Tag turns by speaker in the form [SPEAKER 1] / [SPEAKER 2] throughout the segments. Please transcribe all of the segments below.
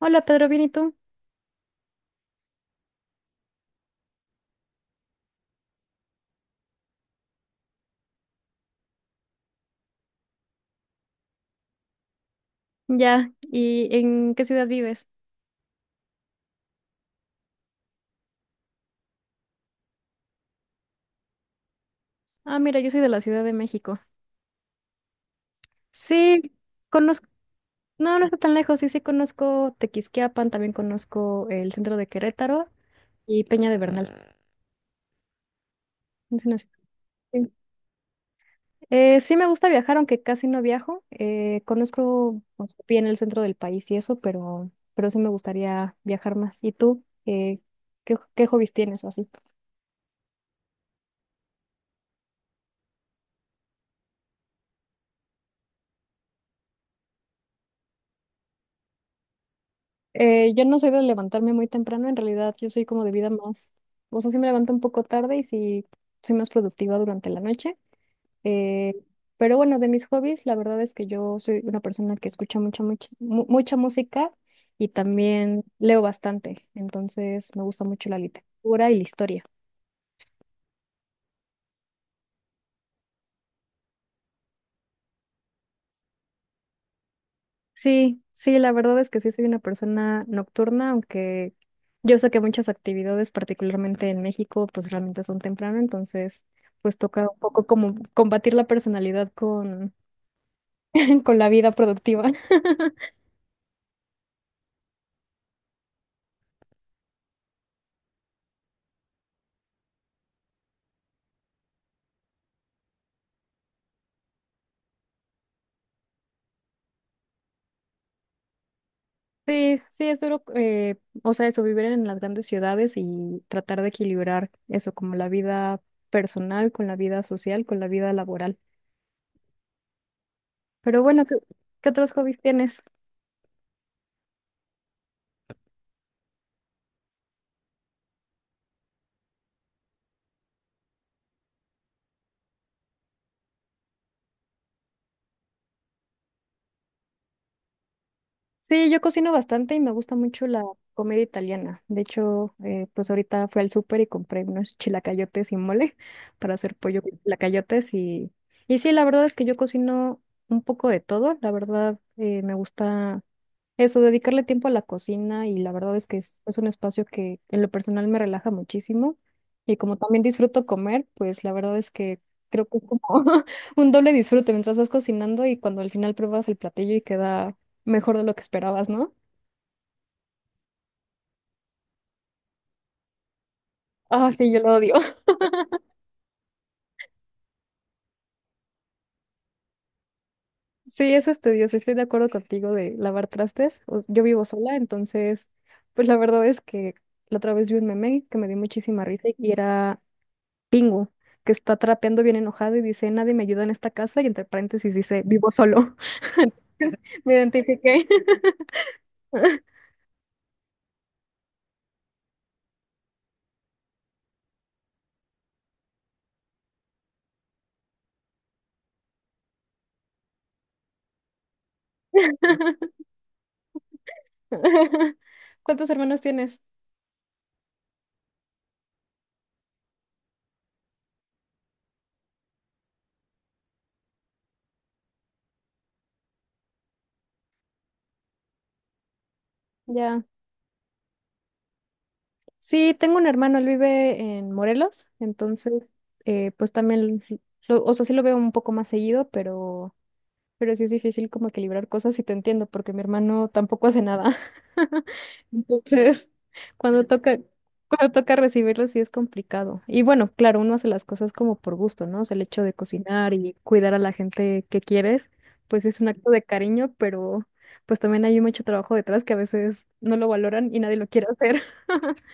[SPEAKER 1] Hola Pedro, ¿bien y tú? Ya, ¿y en qué ciudad vives? Ah, mira, yo soy de la Ciudad de México. Sí, conozco, no, no está tan lejos, sí, sí conozco Tequisquiapan, también conozco el centro de Querétaro y Peña de Bernal. Es una ciudad- Sí. Sí me gusta viajar, aunque casi no viajo. Conozco pues, bien el centro del país y eso, pero sí me gustaría viajar más. ¿Y tú? ¿Qué hobbies tienes o así? Yo no soy de levantarme muy temprano, en realidad yo soy como de vida más, o sea, sí me levanto un poco tarde y sí soy más productiva durante la noche. eh, pero bueno, de mis hobbies, la verdad es que yo soy una persona que escucha mucha, mucha, mucha música y también leo bastante, entonces me gusta mucho la literatura y la historia. Sí, sí, la verdad es que sí soy una persona nocturna, aunque yo sé que muchas actividades, particularmente en México, pues realmente son temprano, entonces pues toca un poco como combatir la personalidad con, con la vida productiva. Sí, sí, es duro, o sea, eso, vivir en las grandes ciudades y tratar de equilibrar eso, como la vida personal con la vida social, con la vida laboral. Pero bueno, ¿qué otros hobbies tienes? Sí, yo cocino bastante y me gusta mucho la comida italiana. De hecho, pues ahorita fui al súper y compré unos chilacayotes y mole para hacer pollo con chilacayotes y sí, la verdad es que yo cocino un poco de todo. La verdad, me gusta eso, dedicarle tiempo a la cocina y la verdad es que es un espacio que en lo personal me relaja muchísimo y como también disfruto comer, pues la verdad es que creo que es como un doble disfrute mientras vas cocinando y cuando al final pruebas el platillo y queda mejor de lo que esperabas, ¿no? Ah, sí, yo lo odio. Sí, es estudioso, estoy de acuerdo contigo de lavar trastes. O- Yo vivo sola, entonces, pues la verdad es que la otra vez vi un meme que me dio muchísima risa y era Pingu, que está trapeando bien enojado y dice, nadie me ayuda en esta casa, y entre paréntesis dice, vivo solo. Me identifiqué. ¿Cuántos hermanos tienes? Ya. Sí, tengo un hermano, él vive en Morelos, entonces, pues también, lo- o sea, sí lo veo un poco más seguido, pero sí es difícil como equilibrar cosas y te entiendo, porque mi hermano tampoco hace nada. Entonces, cuando toca, cuando toca recibirlo, sí es complicado. Y bueno, claro, uno hace las cosas como por gusto, ¿no? O sea, el hecho de cocinar y cuidar a la gente que quieres, pues es un acto de cariño, pero pues también hay mucho trabajo detrás que a veces no lo valoran y nadie lo quiere hacer.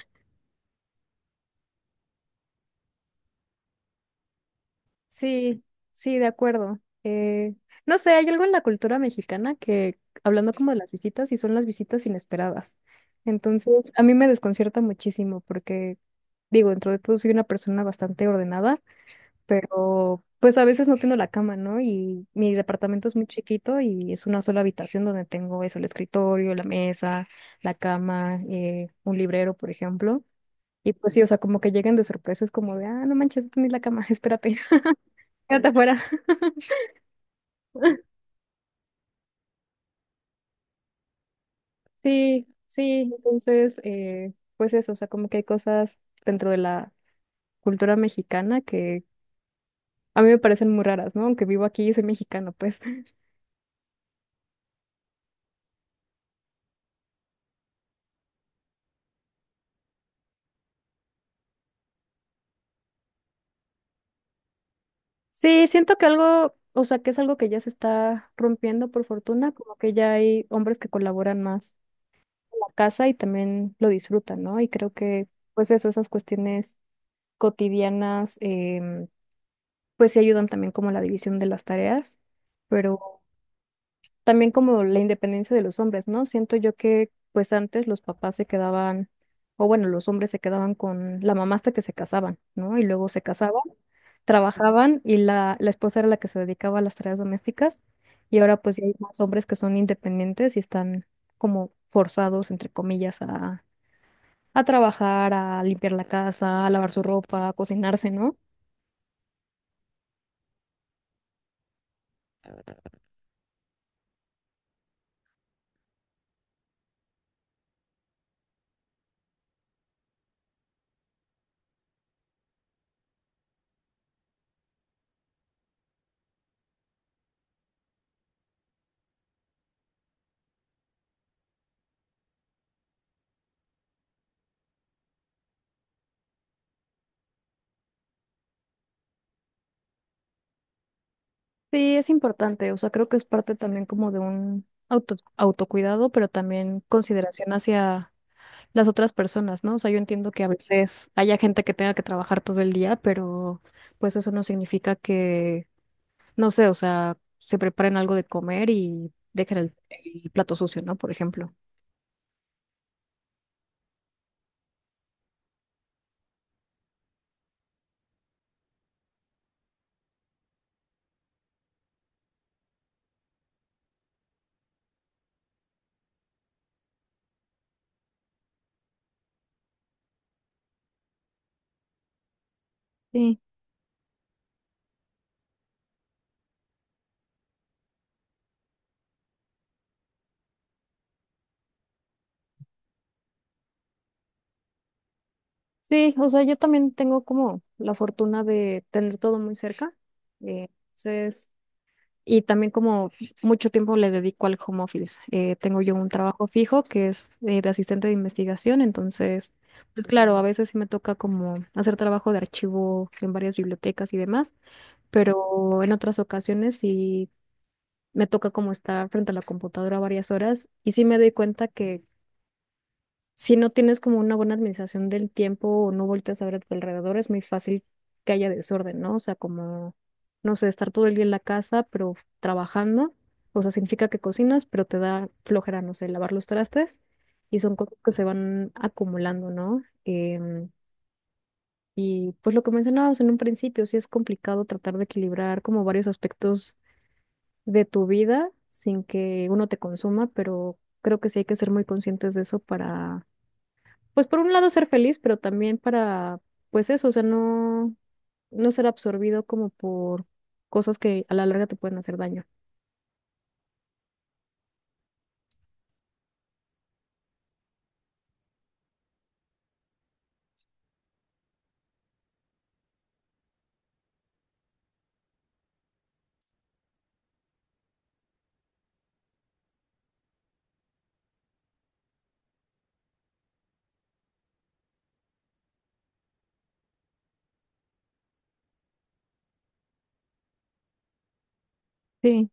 [SPEAKER 1] Sí, sí, de acuerdo. Eh, no sé, hay algo en la cultura mexicana que, hablando como de las visitas, y son las visitas inesperadas. Entonces, a mí me desconcierta muchísimo porque, digo, dentro de todo soy una persona bastante ordenada, pero pues a veces no tengo la cama, ¿no? Y mi departamento es muy chiquito y es una sola habitación donde tengo eso, el escritorio, la mesa, la cama, un librero, por ejemplo. Y pues sí, o sea, como que llegan de sorpresas como de, ah, no manches, no tenés la cama, espérate. Quédate afuera. Sí, sí, entonces, pues eso, o sea, como que hay cosas dentro de la cultura mexicana que a mí me parecen muy raras, ¿no? Aunque vivo aquí y soy mexicano, pues. Sí, siento que algo, o sea, que es algo que ya se está rompiendo por fortuna, como que ya hay hombres que colaboran más en la casa y también lo disfrutan, ¿no? Y creo que, pues eso, esas cuestiones cotidianas, pues sí ayudan también como a la división de las tareas, pero también como la independencia de los hombres, ¿no? Siento yo que pues antes los papás se quedaban, o bueno, los hombres se quedaban con la mamá hasta que se casaban, ¿no? Y luego se casaban, trabajaban y la esposa era la que se dedicaba a las tareas domésticas. Y ahora pues ya hay más hombres que son independientes y están como forzados, entre comillas, a trabajar, a limpiar la casa, a lavar su ropa, a cocinarse, ¿no? Sí, es importante, o sea, creo que es parte también como de un auto, autocuidado, pero también consideración hacia las otras personas, ¿no? O sea, yo entiendo que a veces haya gente que tenga que trabajar todo el día, pero pues eso no significa que, no sé, o sea, se preparen algo de comer y dejen el plato sucio, ¿no? Por ejemplo. Sí. Sí, o sea, yo también tengo como la fortuna de tener todo muy cerca. eh, Entonces... Y también como mucho tiempo le dedico al home office. Tengo yo un trabajo fijo que es de asistente de investigación, entonces, pues claro, a veces sí me toca como hacer trabajo de archivo en varias bibliotecas y demás, pero en otras ocasiones sí me toca como estar frente a la computadora varias horas y sí me doy cuenta que si no tienes como una buena administración del tiempo o no volteas a ver a tu alrededor, es muy fácil que haya desorden, ¿no? O sea, como, no sé, estar todo el día en la casa, pero trabajando, o sea, significa que cocinas, pero te da flojera, no sé, lavar los trastes y son cosas que se van acumulando, ¿no? Y pues lo que mencionábamos en un principio, sí es complicado tratar de equilibrar como varios aspectos de tu vida sin que uno te consuma, pero creo que sí hay que ser muy conscientes de eso para pues por un lado ser feliz, pero también para, pues eso, o sea, no, no ser absorbido como por cosas que a la larga te pueden hacer daño. Sí,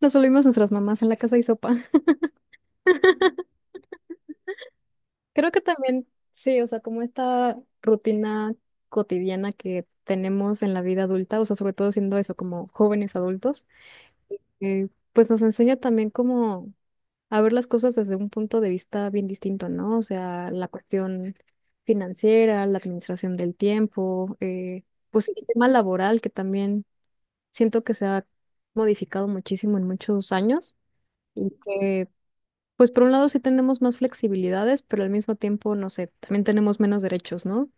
[SPEAKER 1] nos volvimos nuestras mamás en la casa y sopa. Creo que también, sí, o sea, como esta rutina cotidiana que tenemos en la vida adulta, o sea, sobre todo siendo eso, como jóvenes adultos, eh, pues nos enseña también como a ver las cosas desde un punto de vista bien distinto, ¿no? O sea, la cuestión financiera, la administración del tiempo, pues sí, el tema laboral que también siento que se ha modificado muchísimo en muchos años y que, pues por un lado sí tenemos más flexibilidades, pero al mismo tiempo, no sé, también tenemos menos derechos, ¿no?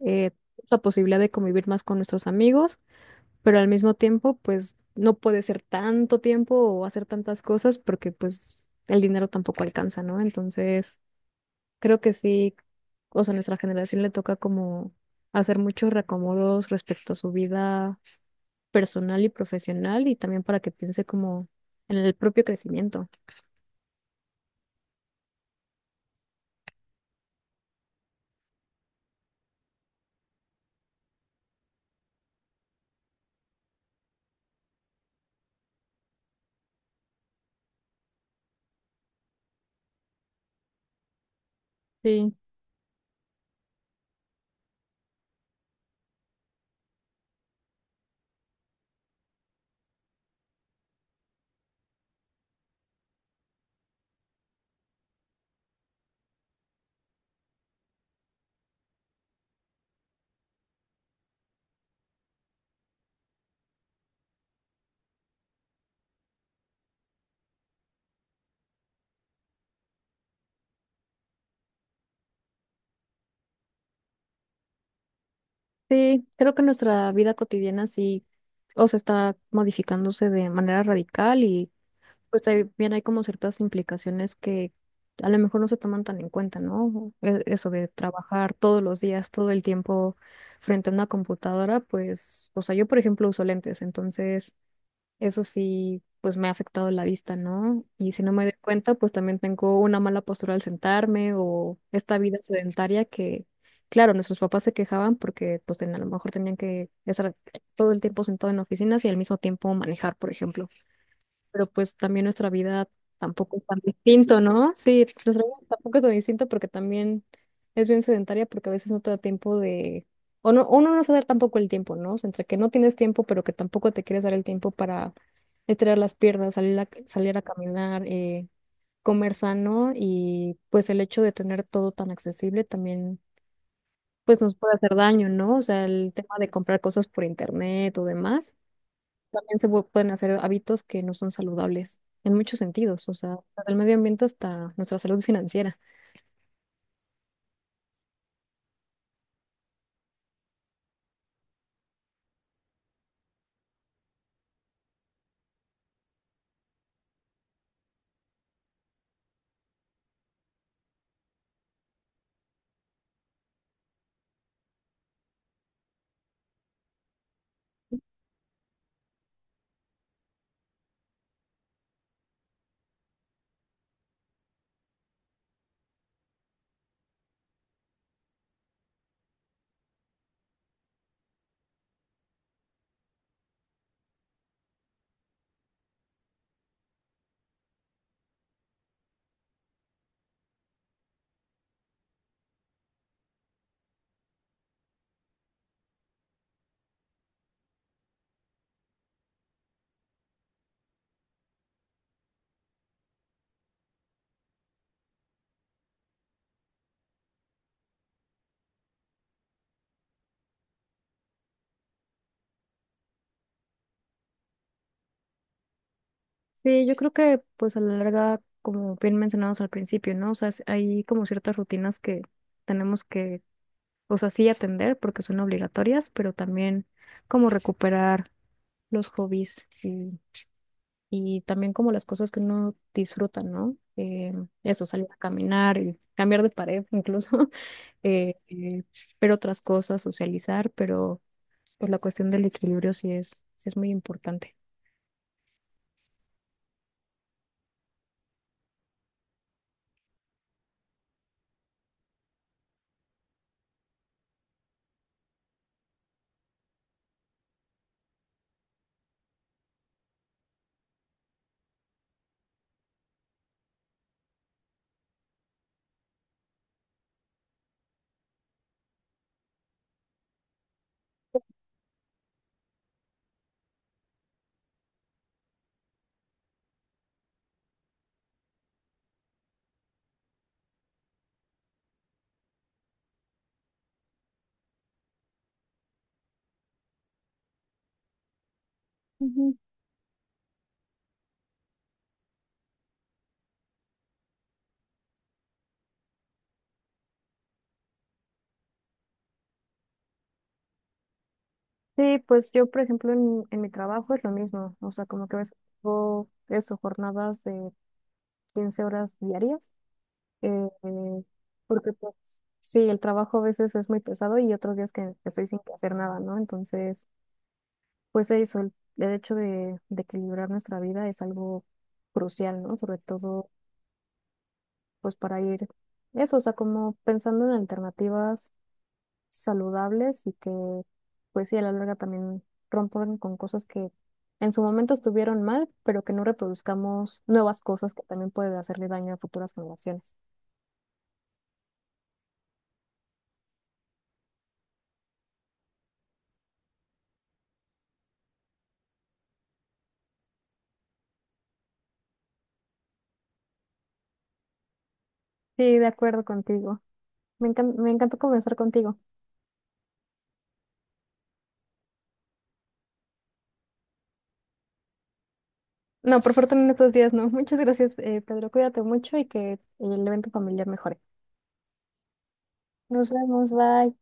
[SPEAKER 1] Eh, la posibilidad de convivir más con nuestros amigos pero al mismo tiempo, pues no puede ser tanto tiempo o hacer tantas cosas porque pues el dinero tampoco alcanza, ¿no? Entonces, creo que sí, o sea, a nuestra generación le toca como hacer muchos reacomodos respecto a su vida personal y profesional y también para que piense como en el propio crecimiento. Sí, sí, creo que nuestra vida cotidiana sí, o sea, está modificándose de manera radical pues también hay como ciertas implicaciones que a lo mejor no se toman tan en cuenta, ¿no? E- Eso de trabajar todos los días, todo el tiempo frente a una computadora, pues, o sea, yo por ejemplo uso lentes, entonces eso sí, pues me ha afectado la vista, ¿no? Y si no me doy cuenta, pues también tengo una mala postura al sentarme o esta vida sedentaria que... Claro, nuestros papás se quejaban porque pues ten- a lo mejor tenían que estar todo el tiempo sentado en oficinas y al mismo tiempo manejar, por ejemplo pero pues también nuestra vida tampoco es tan distinto, ¿no? Sí, nuestra vida tampoco es tan distinto porque también es bien sedentaria porque a veces no te da tiempo de, o no, uno no se da tampoco el tiempo, ¿no? O sea, entre que no tienes tiempo, pero que tampoco te quieres dar el tiempo para estirar las piernas, salir a caminar, comer sano y pues el hecho de tener todo tan accesible también pues nos puede hacer daño, ¿no? O sea, el tema de comprar cosas por internet o demás también pueden hacer hábitos que no son saludables en muchos sentidos, o sea, desde el medio ambiente hasta nuestra salud financiera. Sí, yo creo que pues a la larga, como bien mencionados al principio, ¿no? O sea, es- hay como ciertas rutinas que tenemos que, o sea, sí atender porque son obligatorias, pero también como recuperar los hobbies y también como las cosas que uno disfruta, ¿no? Eso, salir a caminar y cambiar de pared incluso, eh, eh, ver otras cosas, socializar, pero pues la cuestión del equilibrio sí sí es muy importante. Ujú. Sí, pues yo, por ejemplo, en mi trabajo es lo mismo, o sea, como que ves, hago eso, jornadas de 15 horas diarias, eh, porque pues sí, el trabajo a veces es muy pesado y otros días que estoy sin que hacer nada, ¿no? Entonces, pues eso, el hecho de equilibrar nuestra vida es algo crucial, ¿no? Sobre todo, pues para ir, eso, o sea, como pensando en alternativas saludables y que, pues sí, a la larga también rompan con cosas que en su momento estuvieron mal, pero que no reproduzcamos nuevas cosas que también pueden hacerle daño a futuras generaciones. Sí, de acuerdo contigo. Me encan- me encantó conversar contigo. No, por fortuna en estos días no. Muchas gracias, Pedro. Cuídate mucho y que el evento familiar mejore. Nos vemos, bye.